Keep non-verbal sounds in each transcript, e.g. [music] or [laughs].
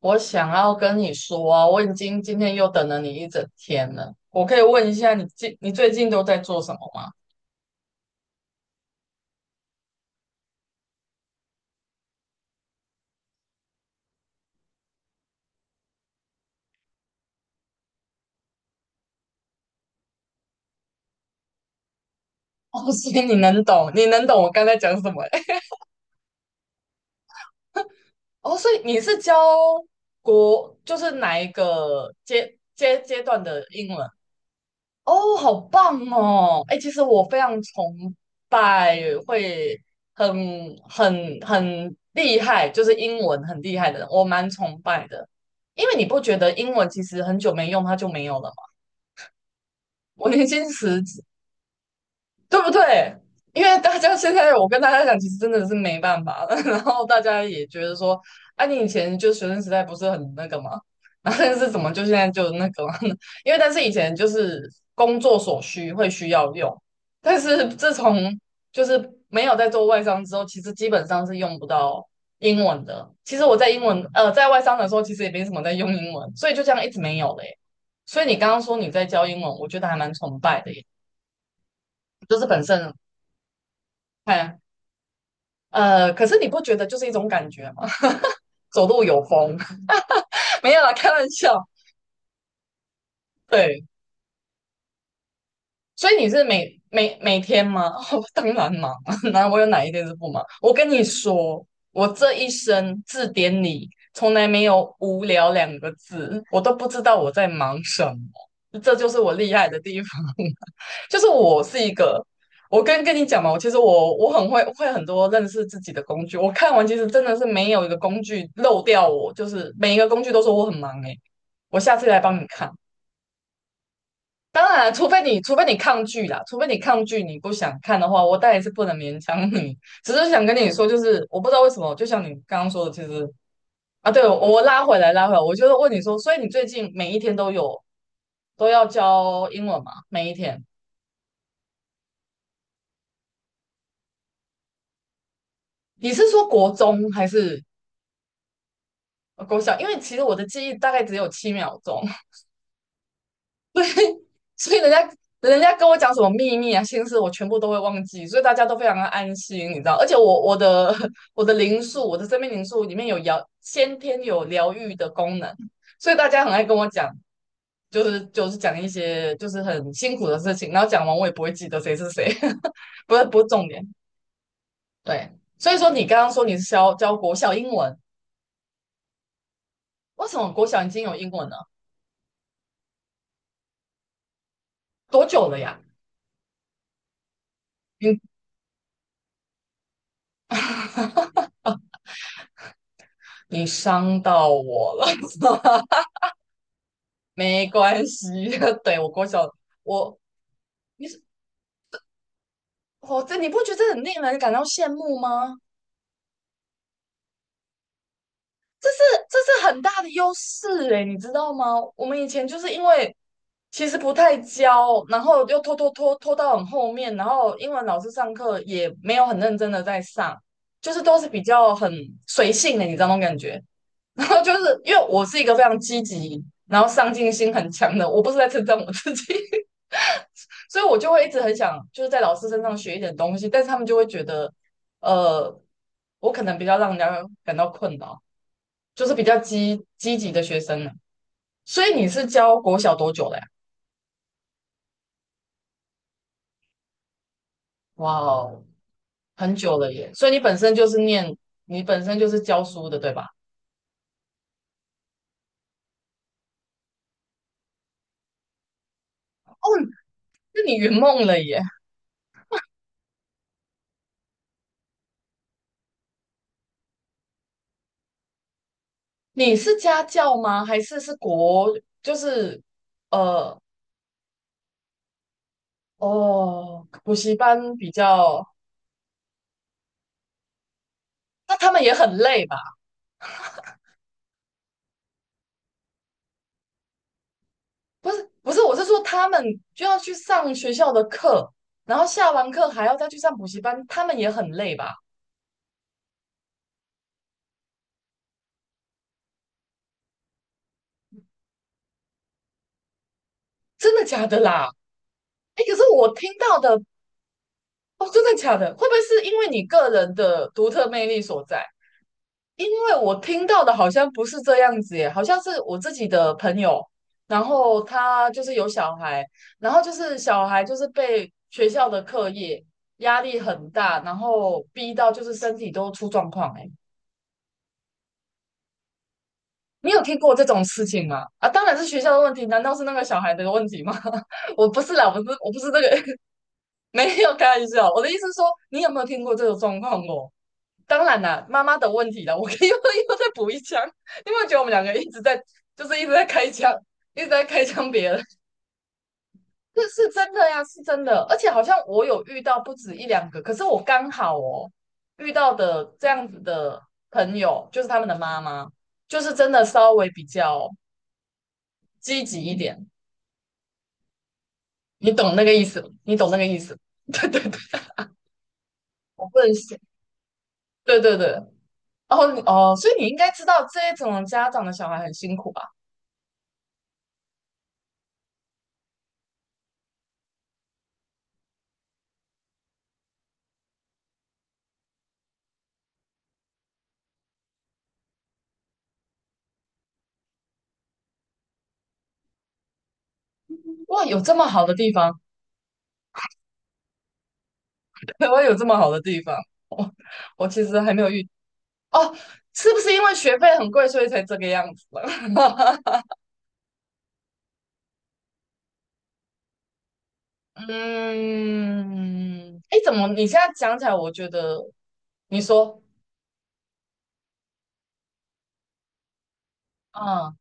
我想要跟你说啊，我已经今天又等了你一整天了。我可以问一下你最近都在做什么吗？哦，所以你能懂，你能懂我刚才讲什么欸？[laughs] 哦，所以你是教就是哪一个阶段的英文？哦，好棒哦！哎，其实我非常崇拜会很很厉害，就是英文很厉害的人，我蛮崇拜的。因为你不觉得英文其实很久没用，它就没有了吗？我年轻时对不对？因为大家现在我跟大家讲，其实真的是没办法了。[laughs] 然后大家也觉得说，啊，你以前就学生时代不是很那个吗？[laughs] 然后但是怎么就现在就那个嘛呢？ [laughs] 因为但是以前就是工作所需会需要用，但是自从就是没有在做外商之后，其实基本上是用不到英文的。其实我在英文呃在外商的时候，其实也没什么在用英文，所以就这样一直没有嘞。所以你刚刚说你在教英文，我觉得还蛮崇拜的耶。就是本身看，可是你不觉得就是一种感觉吗？[laughs] 走路有风，[laughs] 没有啦，开玩笑。对，所以你是每天吗？[laughs] 哦，当然忙啊，[laughs] 哪我有哪一天是不忙？我跟你说，我这一生字典里从来没有无聊两个字，我都不知道我在忙什么，这就是我厉害的地方。[laughs] 就是我是一个，我跟你讲嘛，我其实我很会很多认识自己的工具。我看完其实真的是没有一个工具漏掉我，就是每一个工具都说我很忙诶、我下次来帮你看。当然，除非你抗拒啦，除非你抗拒，你不想看的话，我当然是不能勉强你。只是想跟你说，就是我不知道为什么，就像你刚刚说的，其实啊，对，我拉回来，拉回来，我就是问你说，所以你最近每一天都要教英文吗？每一天？你是说国中还是国小？因为其实我的记忆大概只有7秒钟，所以人家跟我讲什么秘密啊、心事，我全部都会忘记，所以大家都非常的安心，你知道。而且我的 [laughs] 我的灵数，我的生命灵数里面先天有疗愈的功能，所以大家很爱跟我讲，就是讲一些就是很辛苦的事情，然后讲完我也不会记得谁是谁，[laughs] 不是不是重点。对，所以说你刚刚说你是教国小英文，为什么国小已经有英文了？多久了呀？你你伤到我了。[laughs] 没关系。[laughs] 对，我国小，我你是我这你不觉得这很令人感到羡慕吗？这是这是很大的优势诶，你知道吗？我们以前就是因为其实不太教，然后又拖到很后面，然后英文老师上课也没有很认真的在上，就是都是比较很随性的，你知道那种感觉。[laughs] 然后就是因为我是一个非常积极，然后上进心很强的，我不是在称赞我自己。所以我就会一直很想就是在老师身上学一点东西，但是他们就会觉得，呃，我可能比较让人家感到困扰，就是比较积极的学生呢。所以你是教国小多久了呀？哇哦，很久了耶！所以你本身就是念，你本身就是教书的，对吧？哦，那你圆梦了耶！你是家教吗？还是国，就是呃，哦，补习班比较，那他们也很累吧？不是不是，我是说他们就要去上学校的课，然后下完课还要再去上补习班，他们也很累吧？真的假的啦？哎，可是我听到的哦，真的假的？会不会是因为你个人的独特魅力所在？因为我听到的好像不是这样子耶，好像是我自己的朋友，然后他就是有小孩，然后就是小孩就是被学校的课业压力很大，然后逼到就是身体都出状况哎。你有听过这种事情吗？啊，当然是学校的问题，难道是那个小孩的问题吗？[laughs] 我不是啦，我不是，我不是这个，[laughs] 没有开玩笑。我的意思是说，你有没有听过这种状况哦？当然啦，妈妈的问题啦，我可以 [laughs] 又再补一枪。你有没有觉得我们两个一直在，就是一直在开枪，一直在开枪别人？[laughs] 这是真的呀，是真的。而且好像我有遇到不止一两个，可是我刚好哦遇到的这样子的朋友，就是他们的妈妈，就是真的稍微比较积极一点。你懂那个意思，你懂那个意思。[laughs] 对对对，我不能写。对对对，哦你哦，所以你应该知道这种家长的小孩很辛苦吧？哇，有这么好的地方，[laughs] 台湾有这么好的地方，我我其实还没有遇哦，是不是因为学费很贵，所以才这个样子了？[laughs] 嗯，哎，怎么你现在讲起来，我觉得你说，嗯，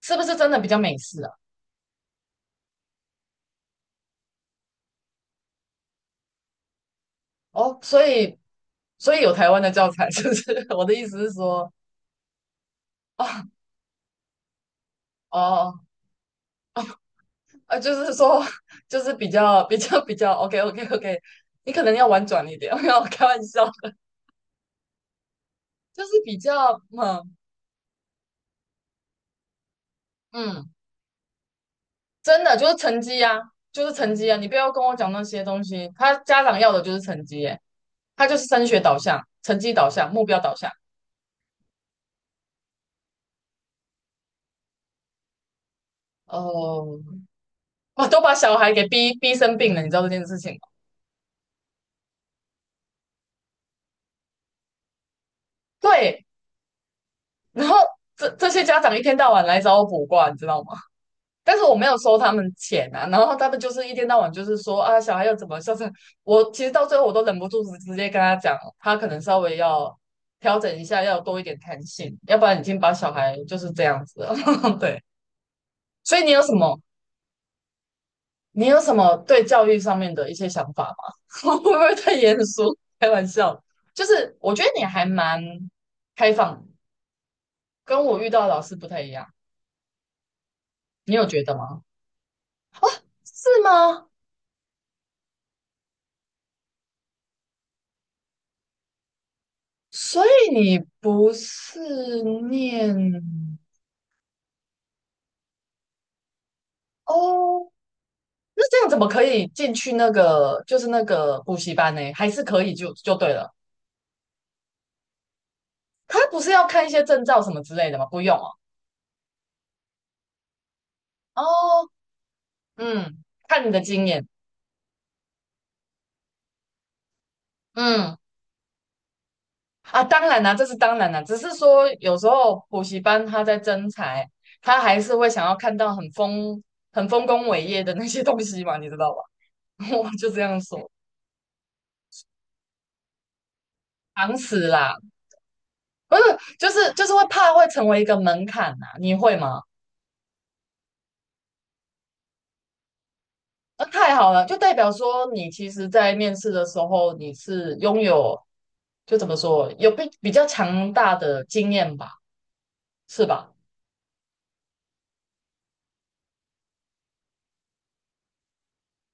是不是真的比较美式啊？哦，所以有台湾的教材，[laughs] 是不是？[laughs] 我的意思是说，哦哦啊，就是说，就是比较 OK OK OK，[laughs] 你可能要婉转一点，[laughs] 没有开玩笑，就是比较嗯嗯，真的就是成绩啊，就是成绩啊，你不要跟我讲那些东西，他家长要的就是成绩耶，他就是升学导向、成绩导向、目标导向，哦、我都把小孩给逼生病了，你知道这件事情吗？对，然后这些家长一天到晚来找我补卦，你知道吗？但是我没有收他们钱啊，[laughs] 然后他们就是一天到晚就是说啊，小孩要怎么孝顺。我其实到最后我都忍不住直接跟他讲，他可能稍微要调整一下，要多一点弹性，要不然已经把小孩就是这样子了。[laughs] 对，所以你有什么对教育上面的一些想法吗？[laughs] 我会不会太严肃？开玩笑，就是我觉得你还蛮开放，跟我遇到的老师不太一样，你有觉得吗？是吗？所以你不是念哦？那这样怎么可以进去那个就是那个补习班呢？还是可以就对了？他不是要看一些证照什么之类的吗？不用哦。哦，嗯，看你的经验。嗯，啊，当然啦、这是当然啦、只是说有时候补习班他在征才，他还是会想要看到很丰功伟业的那些东西嘛，你知道吧？[laughs] 我就这样说，常识啦。不是，就是会怕会成为一个门槛呐、你会吗？那太好了，就代表说你其实，在面试的时候你是拥有，就怎么说，有比较强大的经验吧，是吧？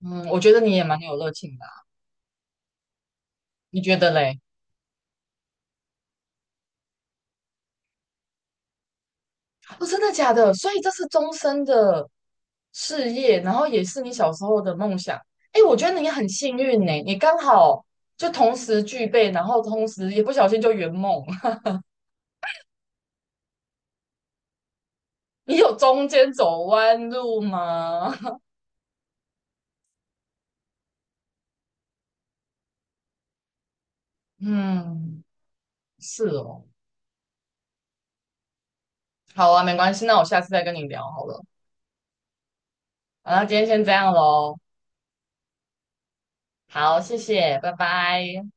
嗯，我觉得你也蛮有热情的啊你觉得嘞？哦，真的假的？所以这是终身的事业，然后也是你小时候的梦想。哎，我觉得你很幸运呢，你刚好就同时具备，然后同时也不小心就圆梦。你有中间走弯路吗？[laughs] 嗯，是哦。好啊，没关系，那我下次再跟你聊好了。好了，今天先这样喽。好，谢谢，拜拜。